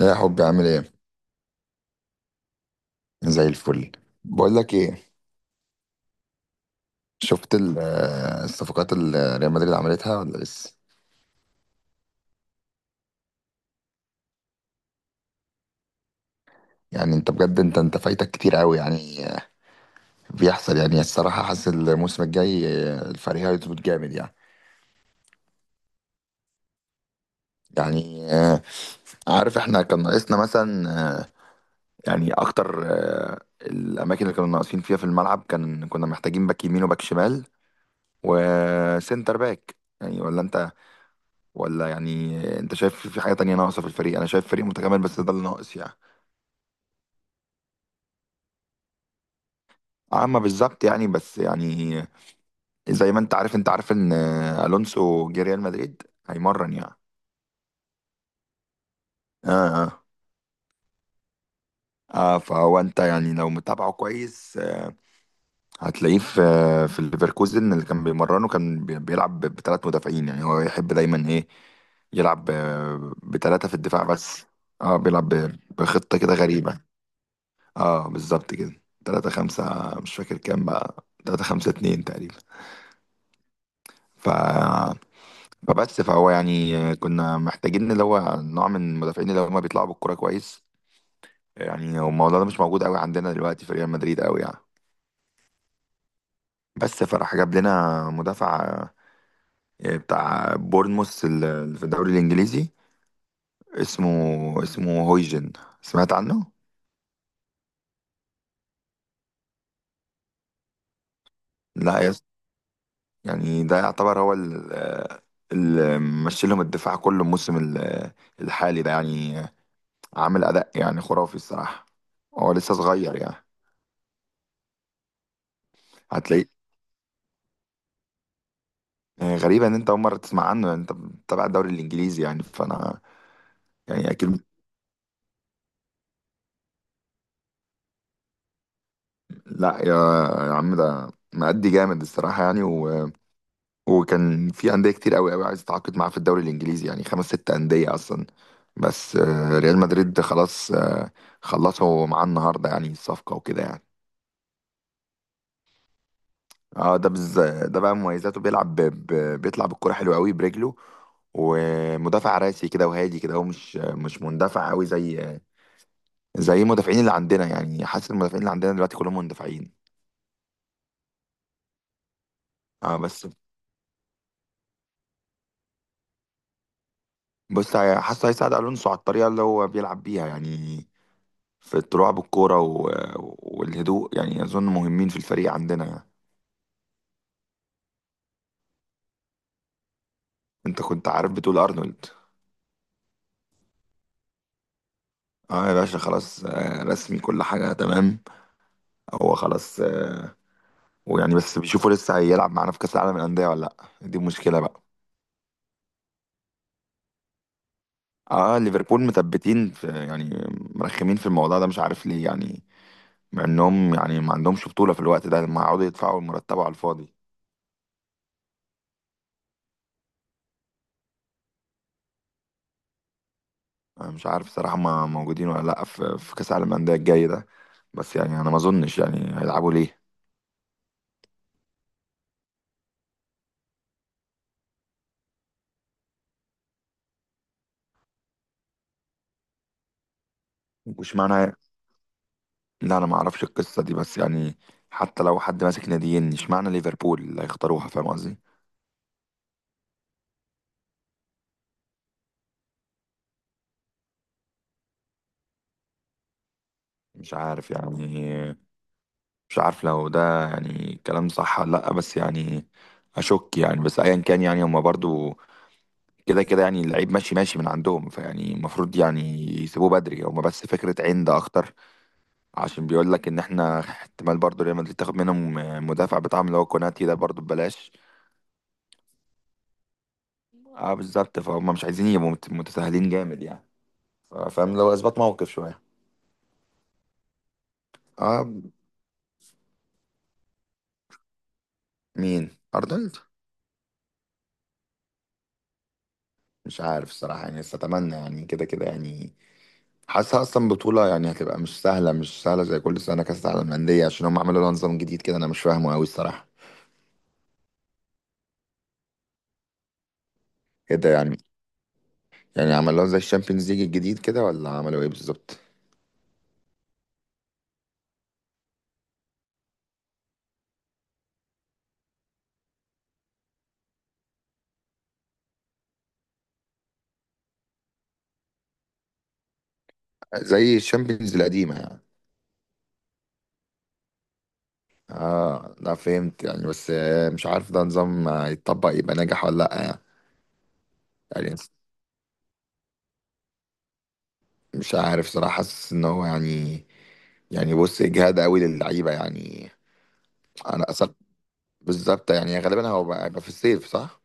يا حبي، عامل ايه؟ زي الفل. بقول لك ايه، شفت الصفقات اللي ريال مدريد عملتها ولا لسه؟ يعني انت بجد، انت فايتك كتير قوي يعني بيحصل. يعني الصراحه حاسس الموسم الجاي الفريق هيظبط جامد يعني. يعني عارف احنا كان ناقصنا مثلا. آه، يعني اكتر الاماكن اللي كانوا ناقصين فيها في الملعب، كان كنا محتاجين باك يمين وباك شمال وسنتر باك، يعني ولا انت؟ ولا يعني انت شايف في حاجة تانية ناقصة في الفريق؟ انا شايف فريق متكامل بس ده اللي ناقص يعني. اما بالظبط يعني، بس يعني زي ما انت عارف ان الونسو جه ريال مدريد، هيمرن يعني. اه. اه. اه فهو انت يعني لو متابعه كويس، هتلاقيه في الليفركوزن اللي كان بيمرنه، كان بيلعب بثلاث مدافعين. يعني هو يحب دايما ايه، يلعب بثلاثة في الدفاع بس. اه بيلعب بخطة كده غريبة. اه بالظبط كده تلاتة خمسة، مش فاكر كام بقى، تلاتة خمسة اتنين تقريبا. ف... فبس فهو يعني كنا محتاجين اللي هو نوع من المدافعين اللي هم بيطلعوا بالكرة كويس. يعني هو الموضوع ده مش موجود قوي عندنا دلوقتي في ريال مدريد قوي يعني. بس فراح جاب لنا مدافع، بتاع بورنموث اللي في الدوري الانجليزي. اسمه اسمه هويجن، سمعت عنه؟ لا، يعني ده يعتبر هو اللي مشي لهم الدفاع كله الموسم الحالي ده يعني، عامل أداء يعني خرافي الصراحة. هو لسه صغير يعني. هتلاقيه غريبة إن أنت أول مرة تسمع عنه يعني، أنت بتتابع الدوري الإنجليزي يعني، فأنا يعني أكيد. لا يا عم ده مأدي جامد الصراحة يعني وكان في أندية كتير أوي أوي عايز تتعاقد معاه في الدوري الإنجليزي، يعني خمس ست أندية أصلا. بس ريال مدريد خلاص، خلصوا معاه النهاردة يعني الصفقة وكده يعني. ده بقى مميزاته، بيلعب بيطلع بالكرة حلو قوي برجله، ومدافع راسي كده وهادي كده، هو مش مندفع قوي زي المدافعين اللي عندنا. يعني حاسس المدافعين اللي عندنا دلوقتي كلهم مندفعين. اه بس بص حاسه هيساعد الونسو على الطريقه اللي هو بيلعب بيها يعني، في الطلوع بالكوره والهدوء، يعني اظن مهمين في الفريق عندنا. انت كنت عارف، بتقول ارنولد؟ اه يا باشا خلاص، رسمي كل حاجه تمام. هو خلاص. ويعني بس بيشوفوا لسه هيلعب معانا في كأس العالم للأندية ولا لأ، دي مشكلة بقى. اه ليفربول مثبتين في يعني، مرخمين في الموضوع ده، مش عارف ليه يعني، مع انهم يعني ما عندهمش بطولة في الوقت ده لما يقعدوا يدفعوا مرتبه على الفاضي. انا مش عارف صراحة ما موجودين ولا لأ في كأس العالم للأندية الجاي ده، بس يعني انا ما اظنش يعني هيلعبوا ليه. واشمعنى، لا انا ما اعرفش القصة دي، بس يعني حتى لو حد ماسك ناديين، اشمعنى ليفربول اللي هيختاروها؟ فاهم قصدي. مش عارف يعني مش عارف لو ده يعني كلام صح ولا لأ، بس يعني أشك يعني. بس أيا كان يعني، هما برضو كده كده يعني اللعيب ماشي ماشي من عندهم، فيعني المفروض يعني يسيبوه بدري. هما بس فكرة عند أكتر، عشان بيقول لك إن إحنا احتمال برضو ريال مدريد تاخد منهم المدافع بتاعهم اللي هو كوناتي ده، برضو ببلاش. اه بالظبط، فهم مش عايزين يبقوا متساهلين جامد يعني، فاهم لو إثبات موقف شوية. اه. مين أرنولد؟ مش عارف الصراحة يعني، بس أتمنى يعني. كده كده يعني حاسسها اصلا بطوله، يعني هتبقى مش سهله، مش سهله زي كل سنه كاس العالم للانديه، عشان هم عملوا لها نظام جديد كده انا مش فاهمه قوي الصراحه. ايه ده يعني؟ يعني عملوها زي الشامبيونز ليج الجديد كده، ولا عملوا ايه بالظبط؟ زي الشامبيونز القديمه يعني؟ اه لا فهمت يعني، بس مش عارف ده نظام يتطبق يبقى ناجح ولا لا يعني. يعني مش عارف صراحه، حاسس ان هو يعني، يعني بص اجهاد قوي للعيبه يعني. انا اصلا بالظبط يعني، غالبا هو بقى في الصيف صح.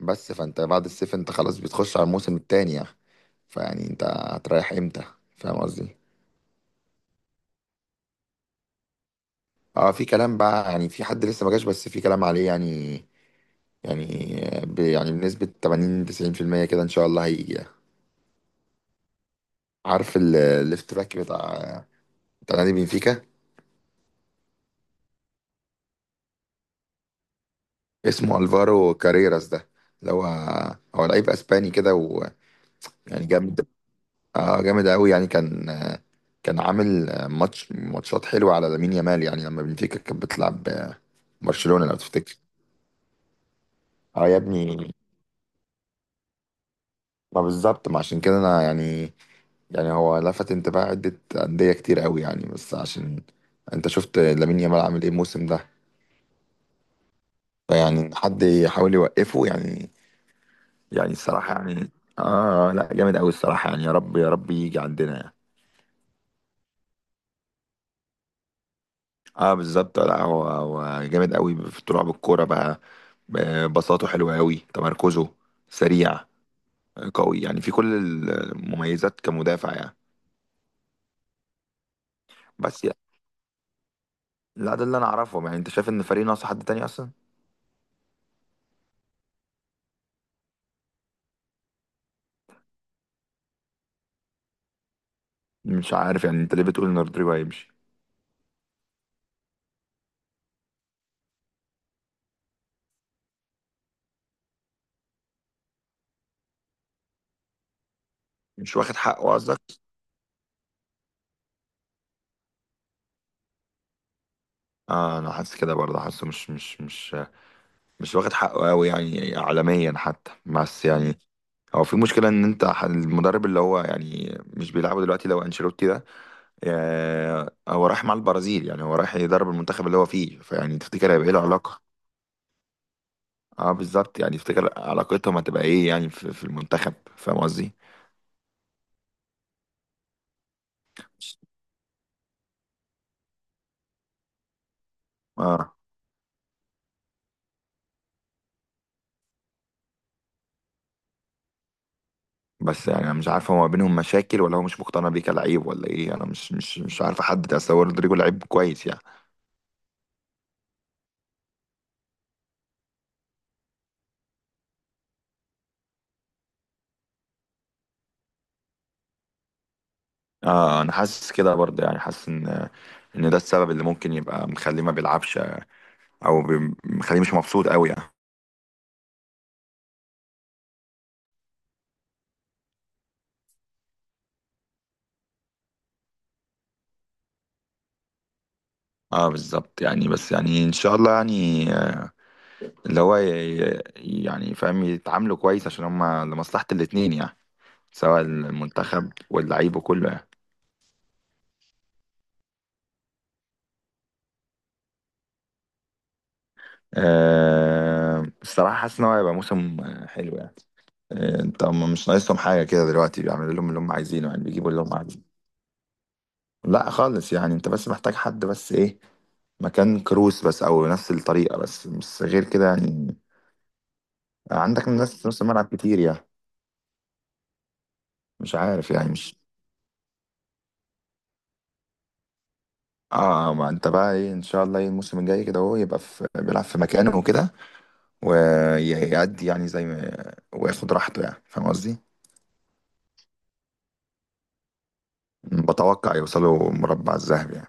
بس فانت بعد الصيف انت خلاص بتخش على الموسم التاني يعني، فيعني انت هتريح امتى؟ فاهم قصدي. اه في كلام بقى، يعني في حد لسه ما جاش بس في كلام عليه يعني. يعني ب يعني بنسبة 80 90% كده ان شاء الله هيجي يعني. عارف الليفت باك بتاع نادي بنفيكا؟ اسمه الفارو كاريراس ده، اللي هو لعيب اسباني كده ويعني جامد. اه جامد قوي يعني، كان عامل ماتشات حلوه على لامين يامال، يعني لما بنفيكا كانت بتلعب برشلونه لو تفتكر. اه يا ابني، ما بالظبط، ما عشان كده انا يعني، يعني هو لفت انتباه عده انديه كتير قوي يعني، بس عشان انت شفت لامين يامال عامل ايه الموسم ده، فيعني إن حد يحاول يوقفه يعني. يعني الصراحه يعني، اه لا جامد قوي الصراحه يعني، يا رب يا رب يجي عندنا يعني. اه بالظبط. لا هو جامد قوي في طلوع بالكوره بقى، بساطته حلوه قوي، تمركزه سريع، قوي يعني في كل المميزات كمدافع يعني. بس يعني لا ده اللي انا اعرفهم يعني. انت شايف ان الفريق ناقص حد تاني اصلا؟ مش عارف يعني، انت ليه بتقول ان رودريجو هيمشي؟ مش واخد حقه قصدك. اه انا حاسس كده برضه، حاسه مش واخد حقه قوي يعني اعلاميا حتى، بس يعني هو في مشكله، ان انت المدرب اللي هو يعني مش بيلعبه دلوقتي لو انشيلوتي ده، هو رايح مع البرازيل يعني، هو رايح يدرب المنتخب اللي هو فيه، فيعني تفتكر هيبقى ايه العلاقة؟ اه بالظبط يعني، تفتكر علاقتهم هتبقى ايه يعني في المنتخب؟ فاهم قصدي. اه بس يعني انا مش عارف، هو ما بينهم مشاكل ولا هو مش مقتنع بيه كلعيب ولا ايه؟ انا مش عارف احدد، اصل هو رودريجو لعيب كويس يعني. اه انا حاسس كده برضه يعني، حاسس ان ده السبب اللي ممكن يبقى مخليه ما بيلعبش، او مخليه مش مبسوط قوي يعني. اه بالظبط يعني، بس يعني ان شاء الله يعني اللي هو يعني فاهم، يتعاملوا كويس عشان هما لمصلحة الاتنين يعني، سواء المنتخب واللعيب وكله يعني. أه الصراحة حاسس إن هو هيبقى موسم حلو يعني. انت هم مش ناقصهم حاجة كده دلوقتي، بيعملوا لهم اللي هم عايزينه يعني، بيجيبوا اللي هم عايزينه. لا خالص يعني، انت بس محتاج حد بس ايه، مكان كروس بس او نفس الطريقة بس غير كده يعني عندك من ناس في نص الملعب كتير يعني. مش عارف يعني مش. اه ما انت بقى ايه، ان شاء الله ايه الموسم الجاي كده هو يبقى في بيلعب في مكانه وكده، ويعدي يعني زي ما وياخد راحته يعني، فاهم قصدي؟ بتوقع يوصلوا مربع الذهبي يعني.